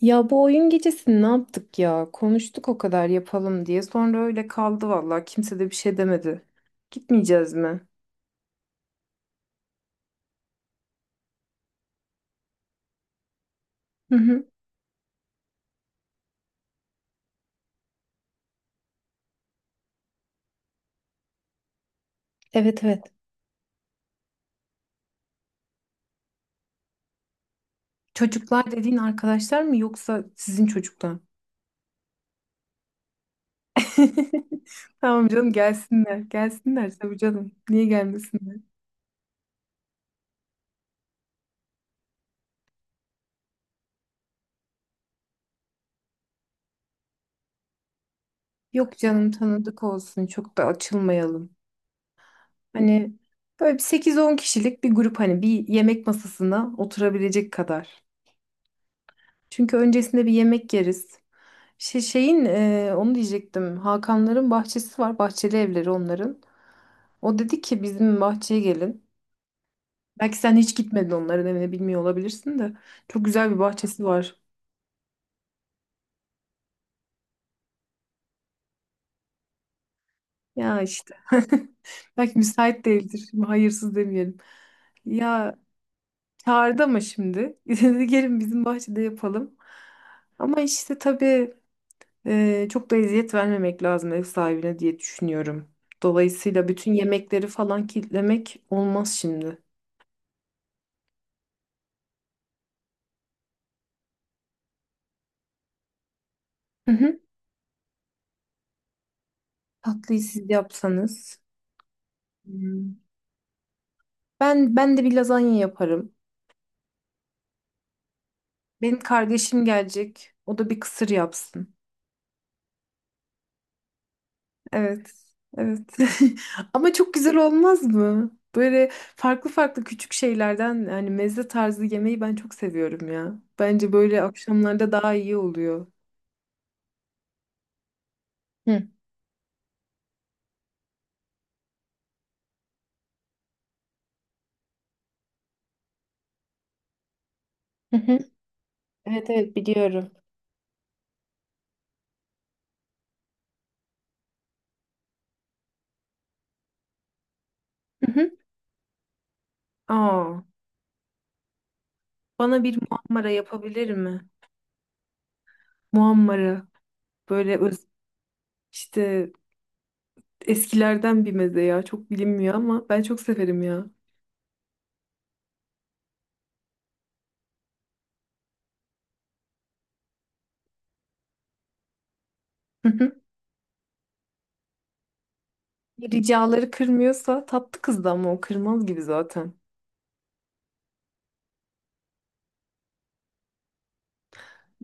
Ya bu oyun gecesini ne yaptık ya? Konuştuk o kadar yapalım diye. Sonra öyle kaldı vallahi. Kimse de bir şey demedi. Gitmeyeceğiz mi? Hı hı. Evet evet. Çocuklar dediğin arkadaşlar mı yoksa sizin çocuklar? Tamam canım gelsinler. Gelsinler tabii canım. Niye gelmesinler? Yok canım tanıdık olsun. Çok da açılmayalım. Hani böyle bir 8-10 kişilik bir grup, hani bir yemek masasına oturabilecek kadar. Çünkü öncesinde bir yemek yeriz. Onu diyecektim. Hakanların bahçesi var. Bahçeli evleri onların. O dedi ki bizim bahçeye gelin. Belki sen hiç gitmedin onların evine, bilmiyor olabilirsin de. Çok güzel bir bahçesi var. Ya işte. Belki müsait değildir. Şimdi hayırsız demeyelim. Ya çağırdı ama şimdi. Dedi gelin bizim bahçede yapalım. Ama işte tabii çok da eziyet vermemek lazım ev sahibine diye düşünüyorum. Dolayısıyla bütün yemekleri falan kilitlemek olmaz şimdi. Tatlıyı siz yapsanız. Hmm. Ben de bir lazanya yaparım. Benim kardeşim gelecek. O da bir kısır yapsın. Evet. Evet. Ama çok güzel olmaz mı? Böyle farklı farklı küçük şeylerden, yani meze tarzı yemeği ben çok seviyorum ya. Bence böyle akşamlarda daha iyi oluyor. Hı. Hı hı. Evet evet biliyorum. Hı hı. Aa, bana bir muammara yapabilir mi? Muammara, böyle işte eskilerden bir meze ya. Çok bilinmiyor ama ben çok severim ya. Hı hı. Ricaları kırmıyorsa, tatlı kızdı ama o kırmaz gibi zaten.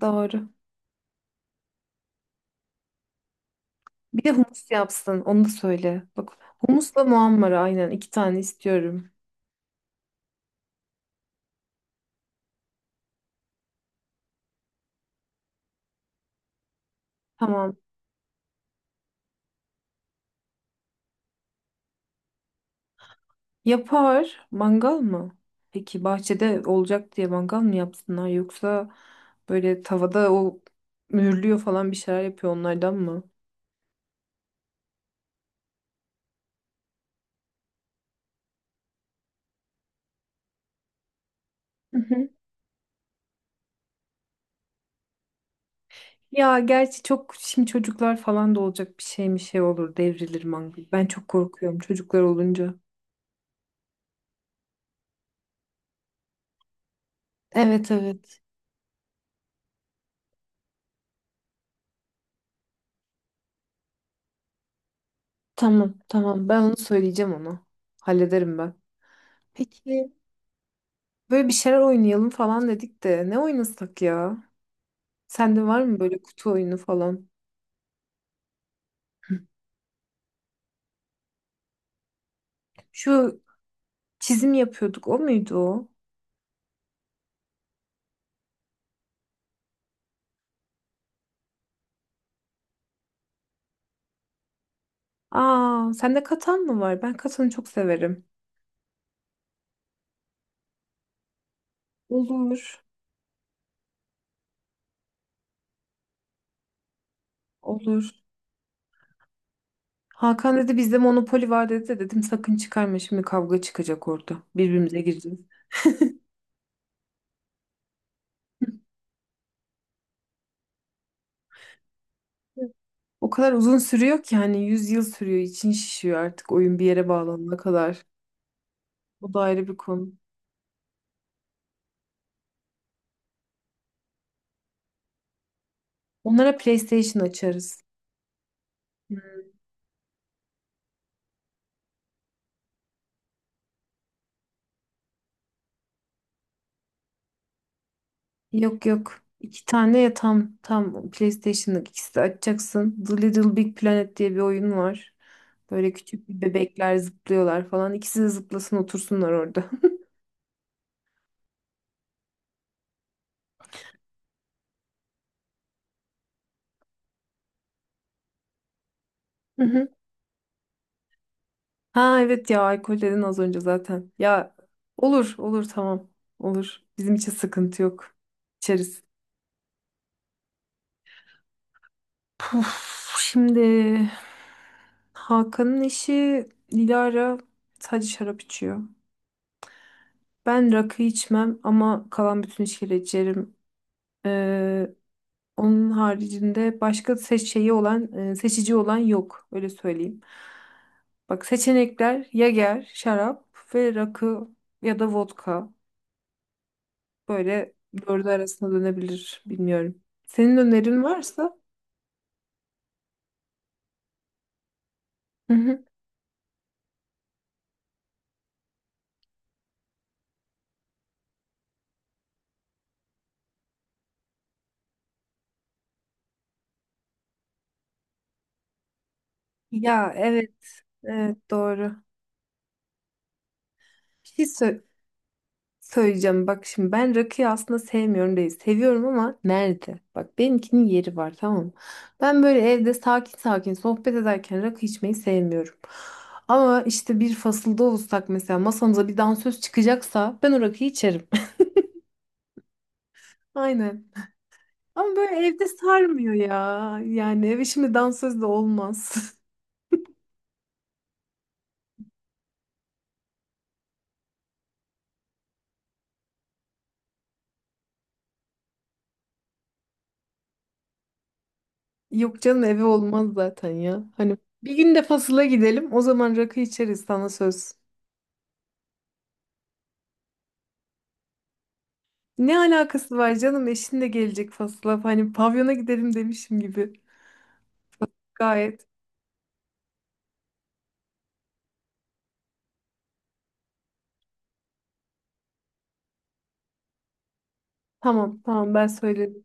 Doğru. Bir de humus yapsın. Onu da söyle. Bak, humusla muhammara, aynen iki tane istiyorum. Tamam. Yapar. Mangal mı? Peki bahçede olacak diye mangal mı yapsınlar, yoksa böyle tavada o mühürlüyor falan bir şeyler yapıyor, onlardan mı? Ya gerçi çok şimdi çocuklar falan da olacak, bir şey mi şey olur, devrilir mangal. Ben çok korkuyorum çocuklar olunca. Evet evet. Tamam tamam, ben onu söyleyeceğim ona. Hallederim ben. Peki böyle bir şeyler oynayalım falan dedik de, ne oynasak ya? Sende var mı böyle kutu oyunu falan? Şu çizim yapıyorduk, o muydu o? Aa, sende katan mı var? Ben katanı çok severim. Olur. Olur. Hakan dedi bizde monopoli var dedi de, dedim sakın çıkarma şimdi, kavga çıkacak orada. Birbirimize gireceğiz. O kadar uzun sürüyor ki, hani 100 yıl sürüyor, için şişiyor artık oyun bir yere bağlanana kadar. O da ayrı bir konu. Onlara PlayStation açarız. Hmm, Yok yok. İki tane ya, tam PlayStation'lık, ikisi de açacaksın. The Little Big Planet diye bir oyun var. Böyle küçük bir bebekler zıplıyorlar falan. İkisi de zıplasın, otursunlar orada. Ha evet ya, alkol dedin az önce zaten. Ya olur olur, tamam olur. Bizim için sıkıntı yok. İçeriz. Puf, şimdi Hakan'ın eşi Dilara sadece şarap içiyor. Ben rakı içmem ama kalan bütün içkileri içerim. Ee, onun haricinde başka seçici olan yok, öyle söyleyeyim. Bak, seçenekler Yager, şarap ve rakı ya da vodka. Böyle dördü arasına dönebilir. Bilmiyorum. Senin önerin varsa. Hı hı. Ya evet. Evet doğru. Bir şey söyleyeceğim. Bak şimdi, ben rakıyı aslında sevmiyorum değil. Seviyorum ama nerede? Bak, benimkinin yeri var, tamam mı? Ben böyle evde sakin sakin sohbet ederken rakı içmeyi sevmiyorum. Ama işte bir fasılda olsak mesela, masamıza bir dansöz çıkacaksa ben o rakıyı içerim. Aynen. Ama böyle evde sarmıyor ya. Yani eve şimdi dansöz de olmaz. Yok canım, eve olmaz zaten ya. Hani bir gün de fasıla gidelim. O zaman rakı içeriz, sana söz. Ne alakası var canım? Eşin de gelecek fasıla. Hani pavyona gidelim demişim gibi. Gayet. Tamam tamam, ben söyledim.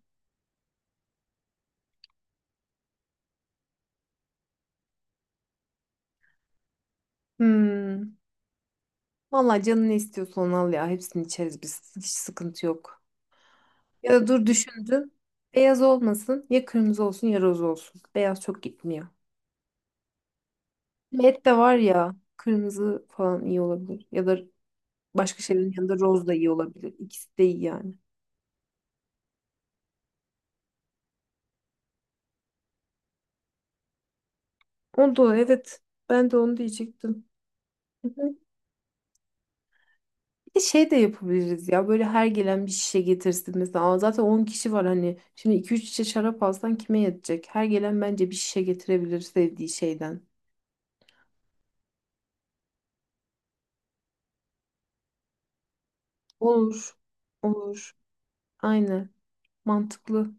Hmm. Vallahi canın ne istiyorsa onu al ya. Hepsini içeriz biz. Hiç sıkıntı yok. Ya da dur düşündüm. Beyaz olmasın. Ya kırmızı olsun ya roz olsun. Beyaz çok gitmiyor. Et de var ya. Kırmızı falan iyi olabilir. Ya da başka şeylerin yanında roz da iyi olabilir. İkisi de iyi yani. O da evet. Ben de onu diyecektim. Hı hı. Bir de şey de yapabiliriz ya, böyle her gelen bir şişe getirsin mesela. Aa, zaten 10 kişi var, hani şimdi iki üç şişe şarap alsan kime yetecek? Her gelen bence bir şişe getirebilir sevdiği şeyden. Olur. Olur. Aynen, mantıklı.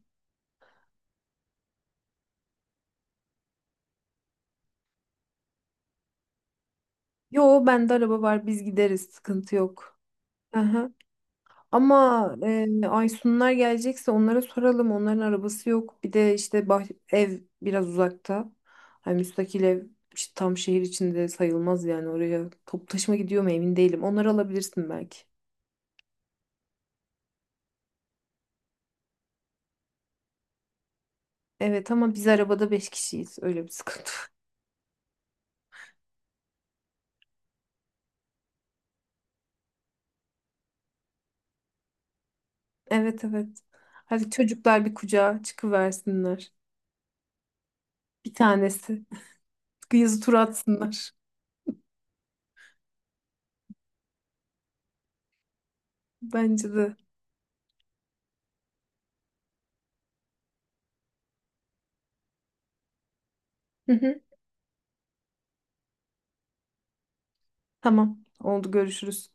Yo, bende araba var, biz gideriz sıkıntı yok. Aha. Ama Aysunlar gelecekse onlara soralım. Onların arabası yok. Bir de işte ev biraz uzakta. Hani müstakil ev, işte tam şehir içinde sayılmaz yani, oraya toplu taşıma gidiyor mu emin değilim. Onları alabilirsin belki. Evet ama biz arabada beş kişiyiz. Öyle bir sıkıntı. Evet evet. Hadi çocuklar bir kucağa çıkıversinler. Bir tanesi. Yazı tur atsınlar. Bence de. Hı hı. Tamam. Oldu, görüşürüz.